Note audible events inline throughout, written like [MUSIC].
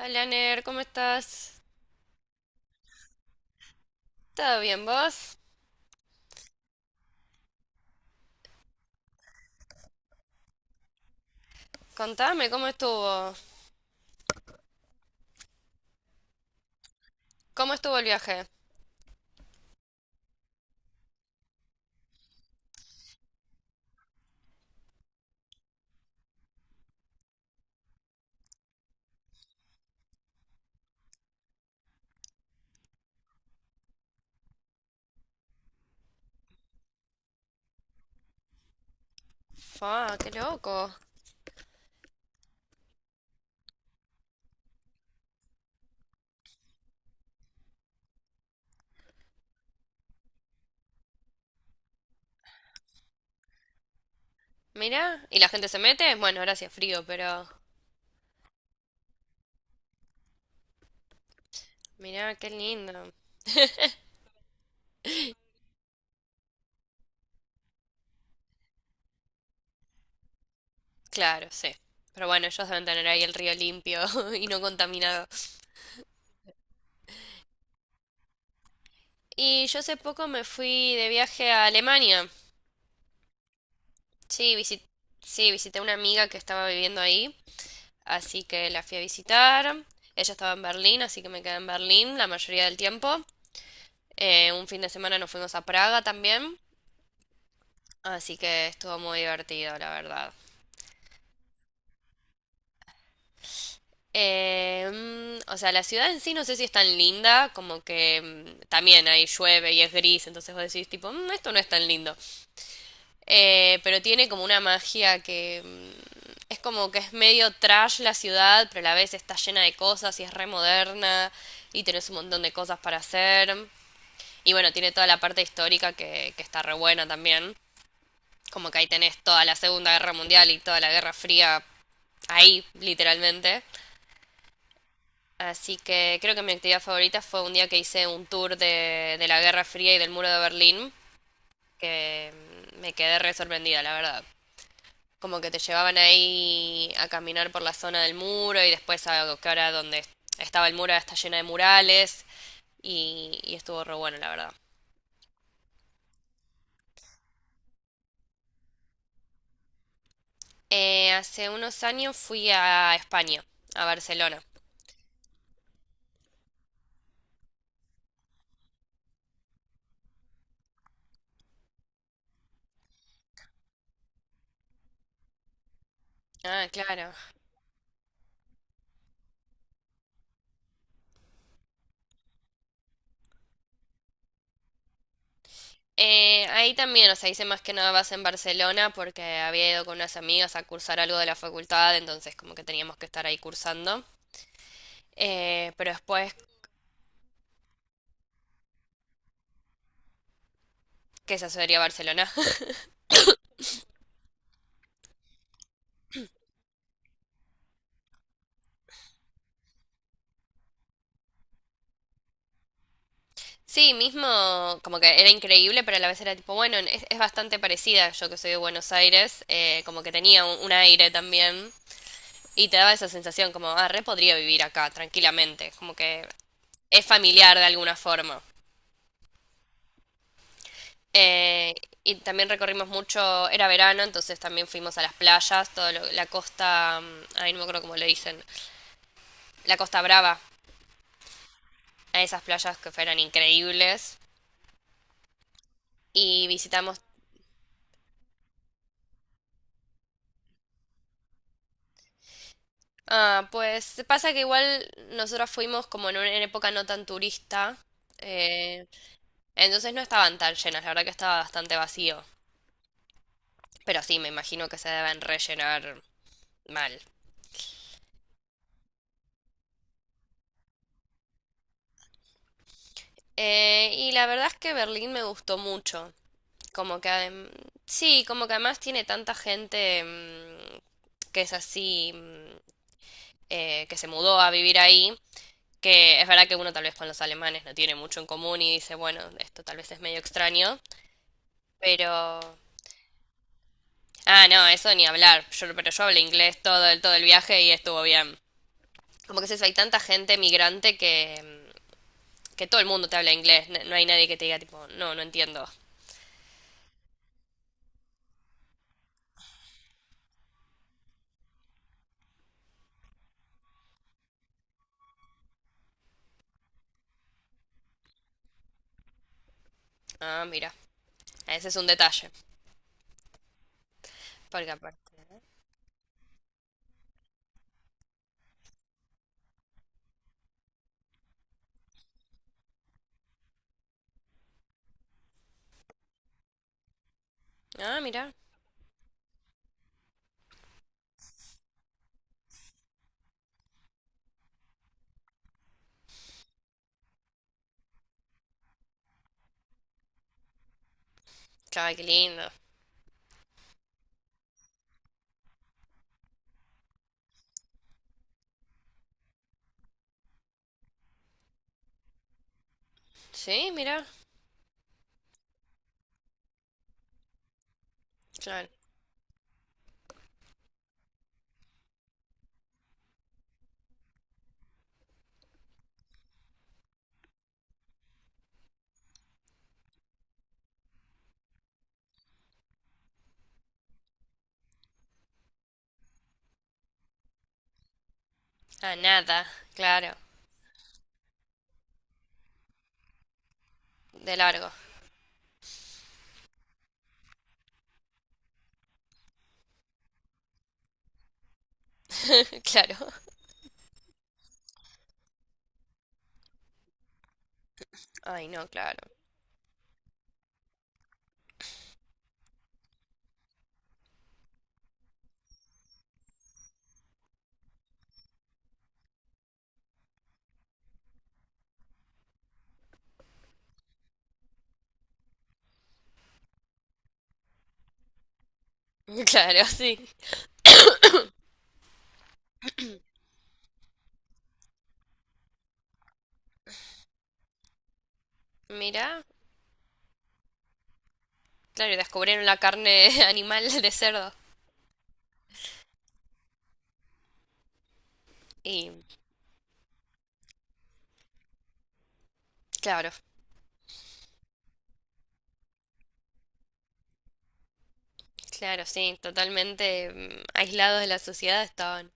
Hola, Ner, ¿cómo estás? ¿Todo bien, vos? Contame, ¿cómo estuvo? ¿Cómo estuvo el viaje? Ah, qué loco. Mirá, ¿y la gente se mete? Bueno, ahora sí es frío, pero mirá, qué lindo. Claro, sí. Pero bueno, ellos deben tener ahí el río limpio [LAUGHS] y no contaminado. Y yo hace poco me fui de viaje a Alemania. Sí, visi- sí, visité a una amiga que estaba viviendo ahí, así que la fui a visitar. Ella estaba en Berlín, así que me quedé en Berlín la mayoría del tiempo. Un fin de semana nos fuimos a Praga también, así que estuvo muy divertido, la verdad. Eh, o sea, la ciudad en sí no sé si es tan linda, como que también ahí llueve y es gris, entonces vos decís tipo, "Mm, esto no es tan lindo. Pero tiene como una magia que es como que es medio trash la ciudad, pero a la vez está llena de cosas y es re moderna y tenés un montón de cosas para hacer. Y bueno, tiene toda la parte histórica que está re buena también. Como que ahí tenés toda la Segunda Guerra Mundial y toda la Guerra Fría ahí, literalmente. Así que creo que mi actividad favorita fue un día que hice un tour de la Guerra Fría y del Muro de Berlín, que me quedé re sorprendida, la verdad. Como que te llevaban ahí a caminar por la zona del muro y después a que ahora donde estaba el muro ahora está llena de murales y estuvo re bueno, la verdad. Hace unos años fui a España, a Barcelona. Ah, claro. Ahí también, o sea, hice más que nada base en Barcelona porque había ido con unas amigas a cursar algo de la facultad, entonces como que teníamos que estar ahí cursando. Pero después, ¿qué se asesoría Barcelona? [LAUGHS] Sí, mismo, como que era increíble, pero a la vez era tipo, bueno, es bastante parecida, yo que soy de Buenos Aires, como que tenía un aire también y te daba esa sensación como, ah, re podría vivir acá tranquilamente, como que es familiar de alguna forma. Eh, y también recorrimos mucho, era verano, entonces también fuimos a las playas, toda la costa, ay, no me acuerdo cómo le dicen, la Costa Brava, a esas playas que fueron increíbles. Y visitamos, ah, pues pasa que igual nosotros fuimos como en una época no tan turista, eh, entonces no estaban tan llenas, la verdad que estaba bastante vacío, pero sí, me imagino que se deben rellenar mal. Y la verdad es que Berlín me gustó mucho. Como que sí, como que además tiene tanta gente que es así, que se mudó a vivir ahí, que es verdad que uno tal vez con los alemanes no tiene mucho en común y dice, bueno, esto tal vez es medio extraño, pero... Ah, no, eso ni hablar. Yo, pero yo hablé inglés todo el viaje y estuvo bien. Como que es eso, hay tanta gente migrante que, que todo el mundo te habla inglés. No hay nadie que te diga tipo, no, no entiendo. Ah, mira. Ese es un detalle. Porque aparte... ¿eh? Ah, mira. Claro, qué lindo. Sí, mira. Claro. Ah, nada. Claro. De largo. [LAUGHS] Claro. Ay, no, claro. [LAUGHS] Claro, sí. Mira. Claro, y descubrieron la carne [LAUGHS] animal de cerdo. Y claro, claro, sí, totalmente aislados de la sociedad estaban.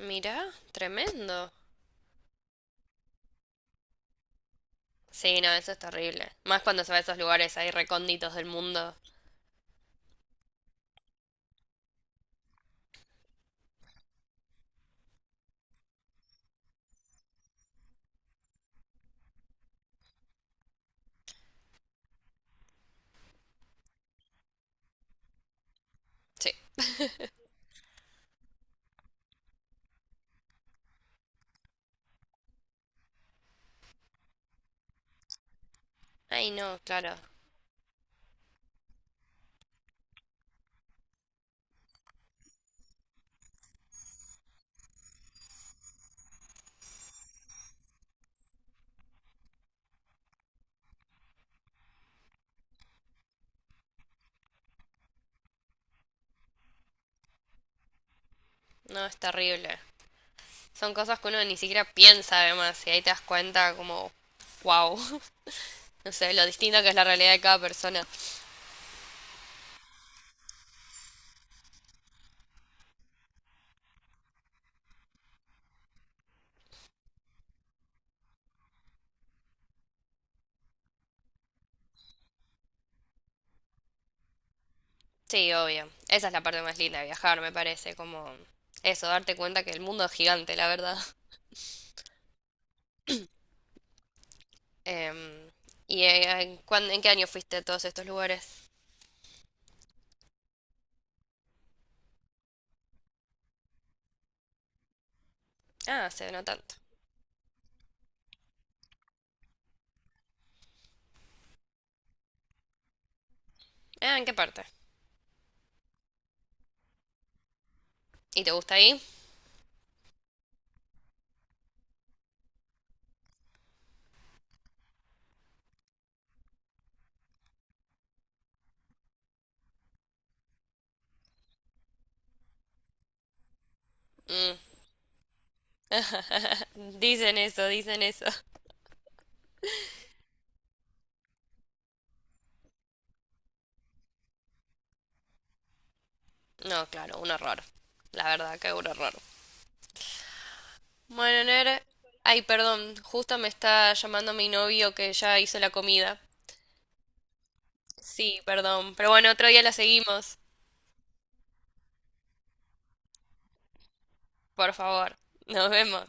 Mira, tremendo. Sí, no, eso es terrible. Más cuando se va a esos lugares ahí recónditos del mundo. Sí. Ay, no, claro. No, es terrible. Son cosas que uno ni siquiera piensa además, y ahí te das cuenta como, wow, [LAUGHS] no sé, lo distinta que es la realidad de cada persona. Sí, obvio. Esa es la parte más linda de viajar, me parece, como eso, darte cuenta que el mundo es gigante, la verdad. Em, ¿Y en qué año fuiste a todos estos lugares? Ah, hace no tanto. Ah, ¿en qué parte? ¿Y te gusta ahí? Mm. [LAUGHS] Dicen eso, dicen eso. No, claro, un horror. La verdad que un horror. Bueno, Ner, ay, perdón, justo me está llamando mi novio que ya hizo la comida. Sí, perdón, pero bueno, otro día la seguimos, por favor. Nos vemos.